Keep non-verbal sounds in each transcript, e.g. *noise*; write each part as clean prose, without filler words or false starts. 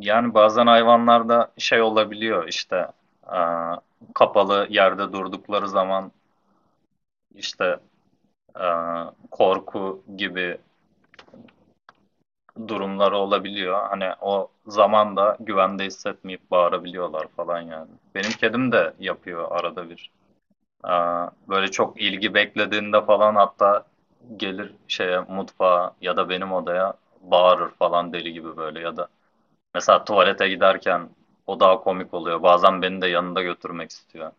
Yani bazen hayvanlarda şey olabiliyor işte e, kapalı yerde durdukları zaman işte e, korku gibi durumları olabiliyor. Hani o zaman da güvende hissetmeyip bağırabiliyorlar falan yani. Benim kedim de yapıyor arada bir. E, böyle çok ilgi beklediğinde falan hatta gelir şeye mutfağa ya da benim odaya bağırır falan deli gibi böyle ya da mesela tuvalete giderken o daha komik oluyor. Bazen beni de yanında götürmek istiyor.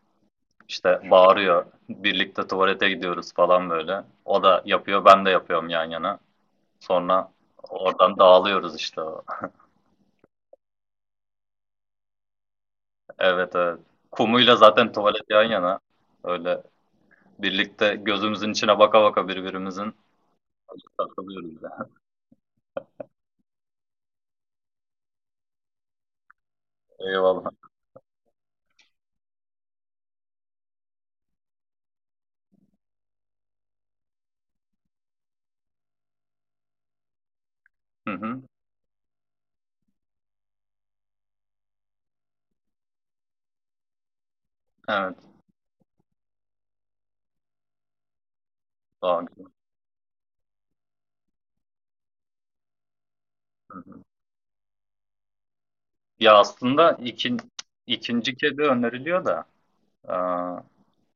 İşte bağırıyor. Birlikte tuvalete gidiyoruz falan böyle. O da yapıyor, ben de yapıyorum yan yana. Sonra oradan dağılıyoruz işte. Evet, evet. Kumuyla zaten tuvalet yan yana. Öyle birlikte gözümüzün içine baka baka birbirimizin takılıyoruz yani. *laughs* Eyvallah. Hı hı. Evet. Daha güzel. Hı hı. Ya aslında ikinci kedi öneriliyor da.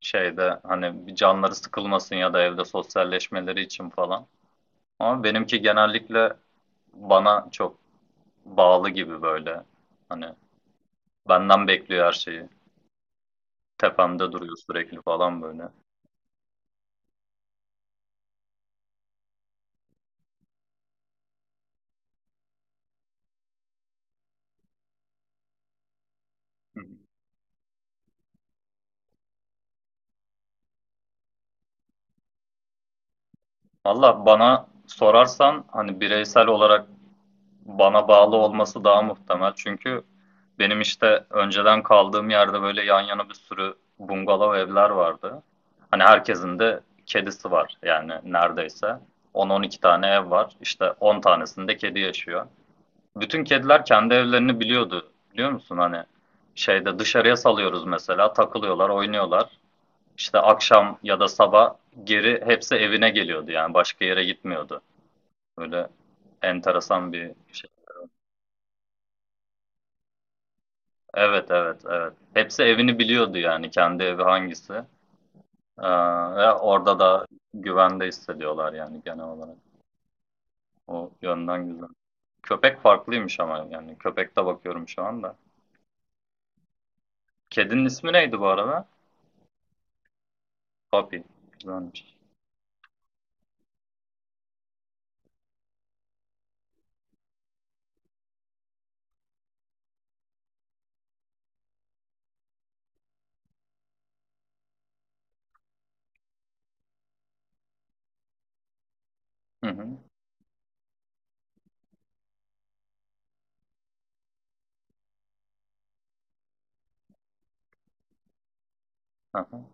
Şeyde hani bir canları sıkılmasın ya da evde sosyalleşmeleri için falan. Ama benimki genellikle bana çok bağlı gibi böyle. Hani benden bekliyor her şeyi. Tepemde duruyor sürekli falan böyle. Valla bana sorarsan hani bireysel olarak bana bağlı olması daha muhtemel. Çünkü benim işte önceden kaldığım yerde böyle yan yana bir sürü bungalov evler vardı. Hani herkesin de kedisi var yani neredeyse. 10-12 tane ev var. İşte 10 tanesinde kedi yaşıyor. Bütün kediler kendi evlerini biliyordu. Biliyor musun? Hani şeyde dışarıya salıyoruz mesela. Takılıyorlar, oynuyorlar. İşte akşam ya da sabah geri hepsi evine geliyordu yani başka yere gitmiyordu. Böyle enteresan bir şey. Evet, evet, evet. Hepsi evini biliyordu yani kendi evi hangisi. Ee, ve orada da güvende hissediyorlar yani genel olarak. O yönden güzel. Köpek farklıymış ama yani köpekte bakıyorum şu anda. Kedinin ismi neydi bu arada? Papi. Güzelmiş. Hı hı. Hı hı.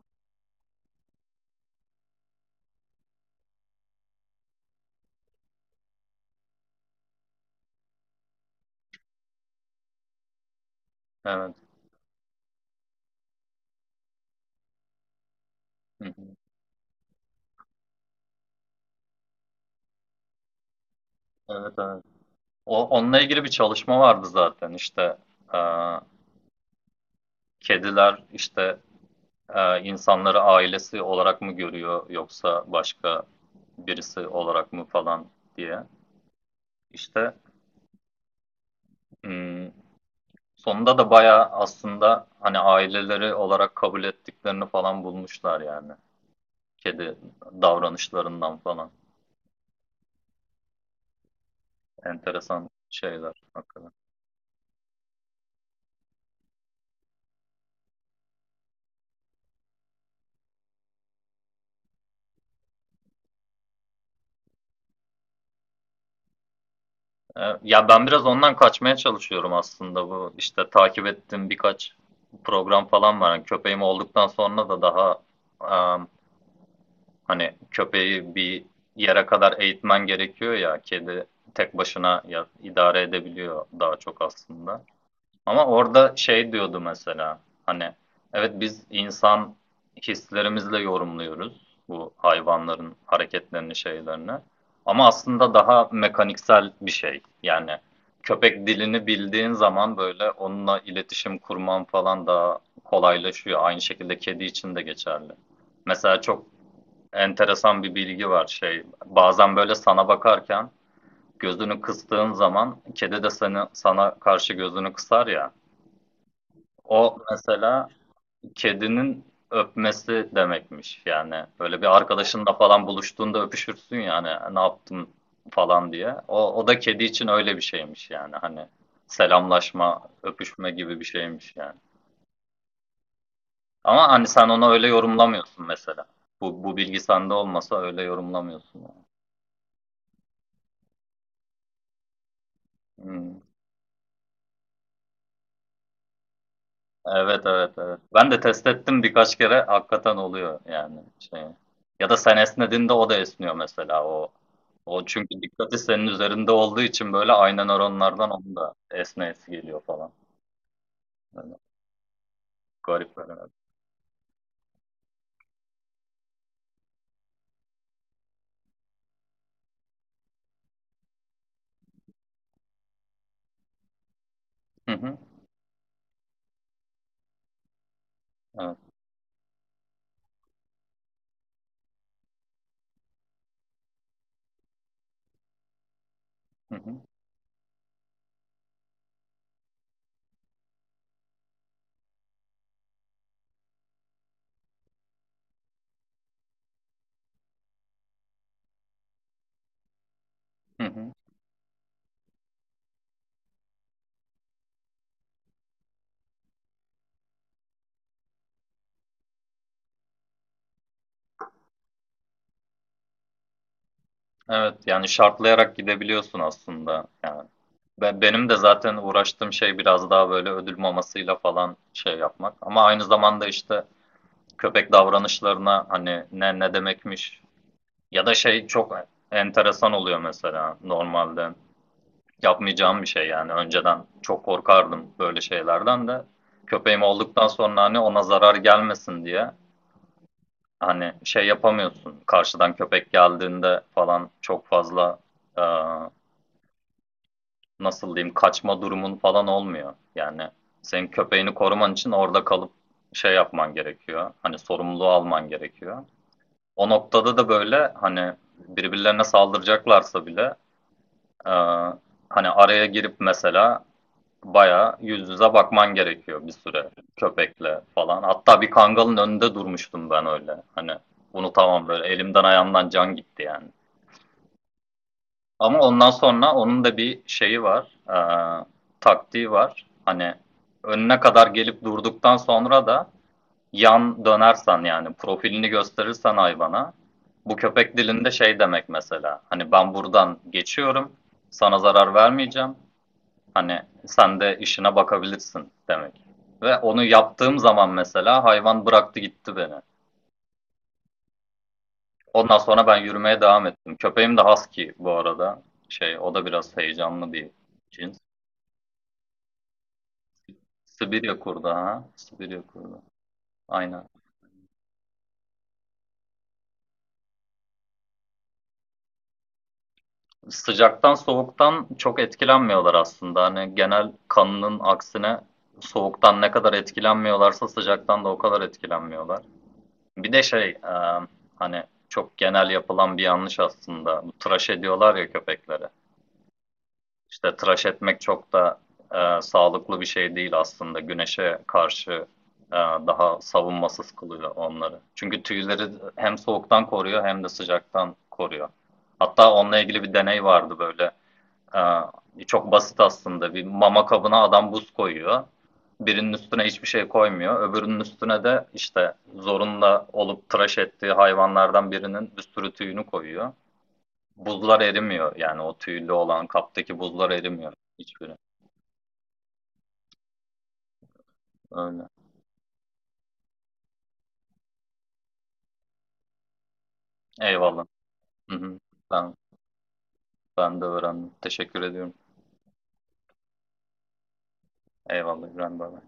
Evet. Hı hı. Evet, evet. Onunla ilgili bir çalışma vardı zaten işte. e, kediler işte insanları ailesi olarak mı görüyor yoksa başka birisi olarak mı falan diye. İşte hmm, sonunda da bayağı aslında hani aileleri olarak kabul ettiklerini falan bulmuşlar yani. Kedi davranışlarından falan. Enteresan şeyler hakikaten. Ya ben biraz ondan kaçmaya çalışıyorum aslında bu işte takip ettiğim birkaç program falan var. Yani köpeğim olduktan sonra da daha e, Hani köpeği bir yere kadar eğitmen gerekiyor ya. Kedi tek başına idare edebiliyor daha çok aslında. Ama orada şey diyordu mesela. Hani evet biz insan hislerimizle yorumluyoruz bu hayvanların hareketlerini, şeylerini. Ama aslında daha mekaniksel bir şey. Yani köpek dilini bildiğin zaman böyle onunla iletişim kurman falan daha kolaylaşıyor. Aynı şekilde kedi için de geçerli. Mesela çok enteresan bir bilgi var şey. Bazen böyle sana bakarken gözünü kıstığın zaman kedi de sana karşı gözünü kısar ya. O mesela kedinin öpmesi demekmiş. Yani böyle bir arkadaşınla falan buluştuğunda öpüşürsün yani ne yaptın falan diye. O da kedi için öyle bir şeymiş yani hani selamlaşma, öpüşme gibi bir şeymiş yani. Ama hani sen onu öyle yorumlamıyorsun mesela. Bu bilgi sende olmasa öyle yorumlamıyorsun yani. Hmm. Evet, evet, evet. Ben de test ettim birkaç kere hakikaten oluyor yani şey. Ya da sen esnediğinde o da esniyor mesela o. O çünkü dikkati senin üzerinde olduğu için böyle aynı nöronlardan onun da esneyesi geliyor falan. Böyle garip böyle. Hı hı. Evet. Hı hı. Hı hı. Evet yani şartlayarak gidebiliyorsun aslında yani. Ve benim de zaten uğraştığım şey biraz daha böyle ödül mamasıyla falan şey yapmak. Ama aynı zamanda işte köpek davranışlarına hani ne demekmiş. Ya da şey çok enteresan oluyor mesela normalde. Yapmayacağım bir şey yani. Önceden çok korkardım böyle şeylerden de. Köpeğim olduktan sonra hani ona zarar gelmesin diye hani şey yapamıyorsun. Karşıdan köpek geldiğinde falan çok fazla e, nasıl diyeyim kaçma durumun falan olmuyor. Yani senin köpeğini koruman için orada kalıp şey yapman gerekiyor. Hani sorumluluğu alman gerekiyor. O noktada da böyle hani birbirlerine saldıracaklarsa bile Ee, hani araya girip mesela bayağı yüz yüze bakman gerekiyor bir süre köpekle falan. Hatta bir kangalın önünde durmuştum ben öyle. Hani bunu tamam böyle elimden ayağımdan can gitti yani. Ama ondan sonra onun da bir şeyi var. Taktiği var. Hani önüne kadar gelip durduktan sonra da yan dönersen yani profilini gösterirsen hayvana bu köpek dilinde şey demek mesela. Hani ben buradan geçiyorum. Sana zarar vermeyeceğim. Hani sen de işine bakabilirsin demek. Ve onu yaptığım zaman mesela hayvan bıraktı gitti beni. Ondan sonra ben yürümeye devam ettim. Köpeğim de husky bu arada. Şey o da biraz heyecanlı bir cins. Sibirya kurdu ha. Sibirya kurdu. Aynen. Sıcaktan soğuktan çok etkilenmiyorlar aslında. Hani genel kanının aksine soğuktan ne kadar etkilenmiyorlarsa sıcaktan da o kadar etkilenmiyorlar. Bir de şey hani çok genel yapılan bir yanlış aslında. Bu tıraş ediyorlar ya köpekleri. İşte tıraş etmek çok da sağlıklı bir şey değil aslında. Güneşe karşı daha savunmasız kılıyor onları. Çünkü tüyleri hem soğuktan koruyor hem de sıcaktan koruyor. Hatta onunla ilgili bir deney vardı böyle. Çok basit aslında. Bir mama kabına adam buz koyuyor. Birinin üstüne hiçbir şey koymuyor. Öbürünün üstüne de işte zorunda olup tıraş ettiği hayvanlardan birinin bir sürü tüyünü koyuyor. Buzlar erimiyor. Yani o tüylü olan kaptaki buzlar erimiyor hiçbiri. Öyle. Eyvallah. Hı hı. Ben, ben de öğrendim. Teşekkür ediyorum. Eyvallah İbrahim Baba.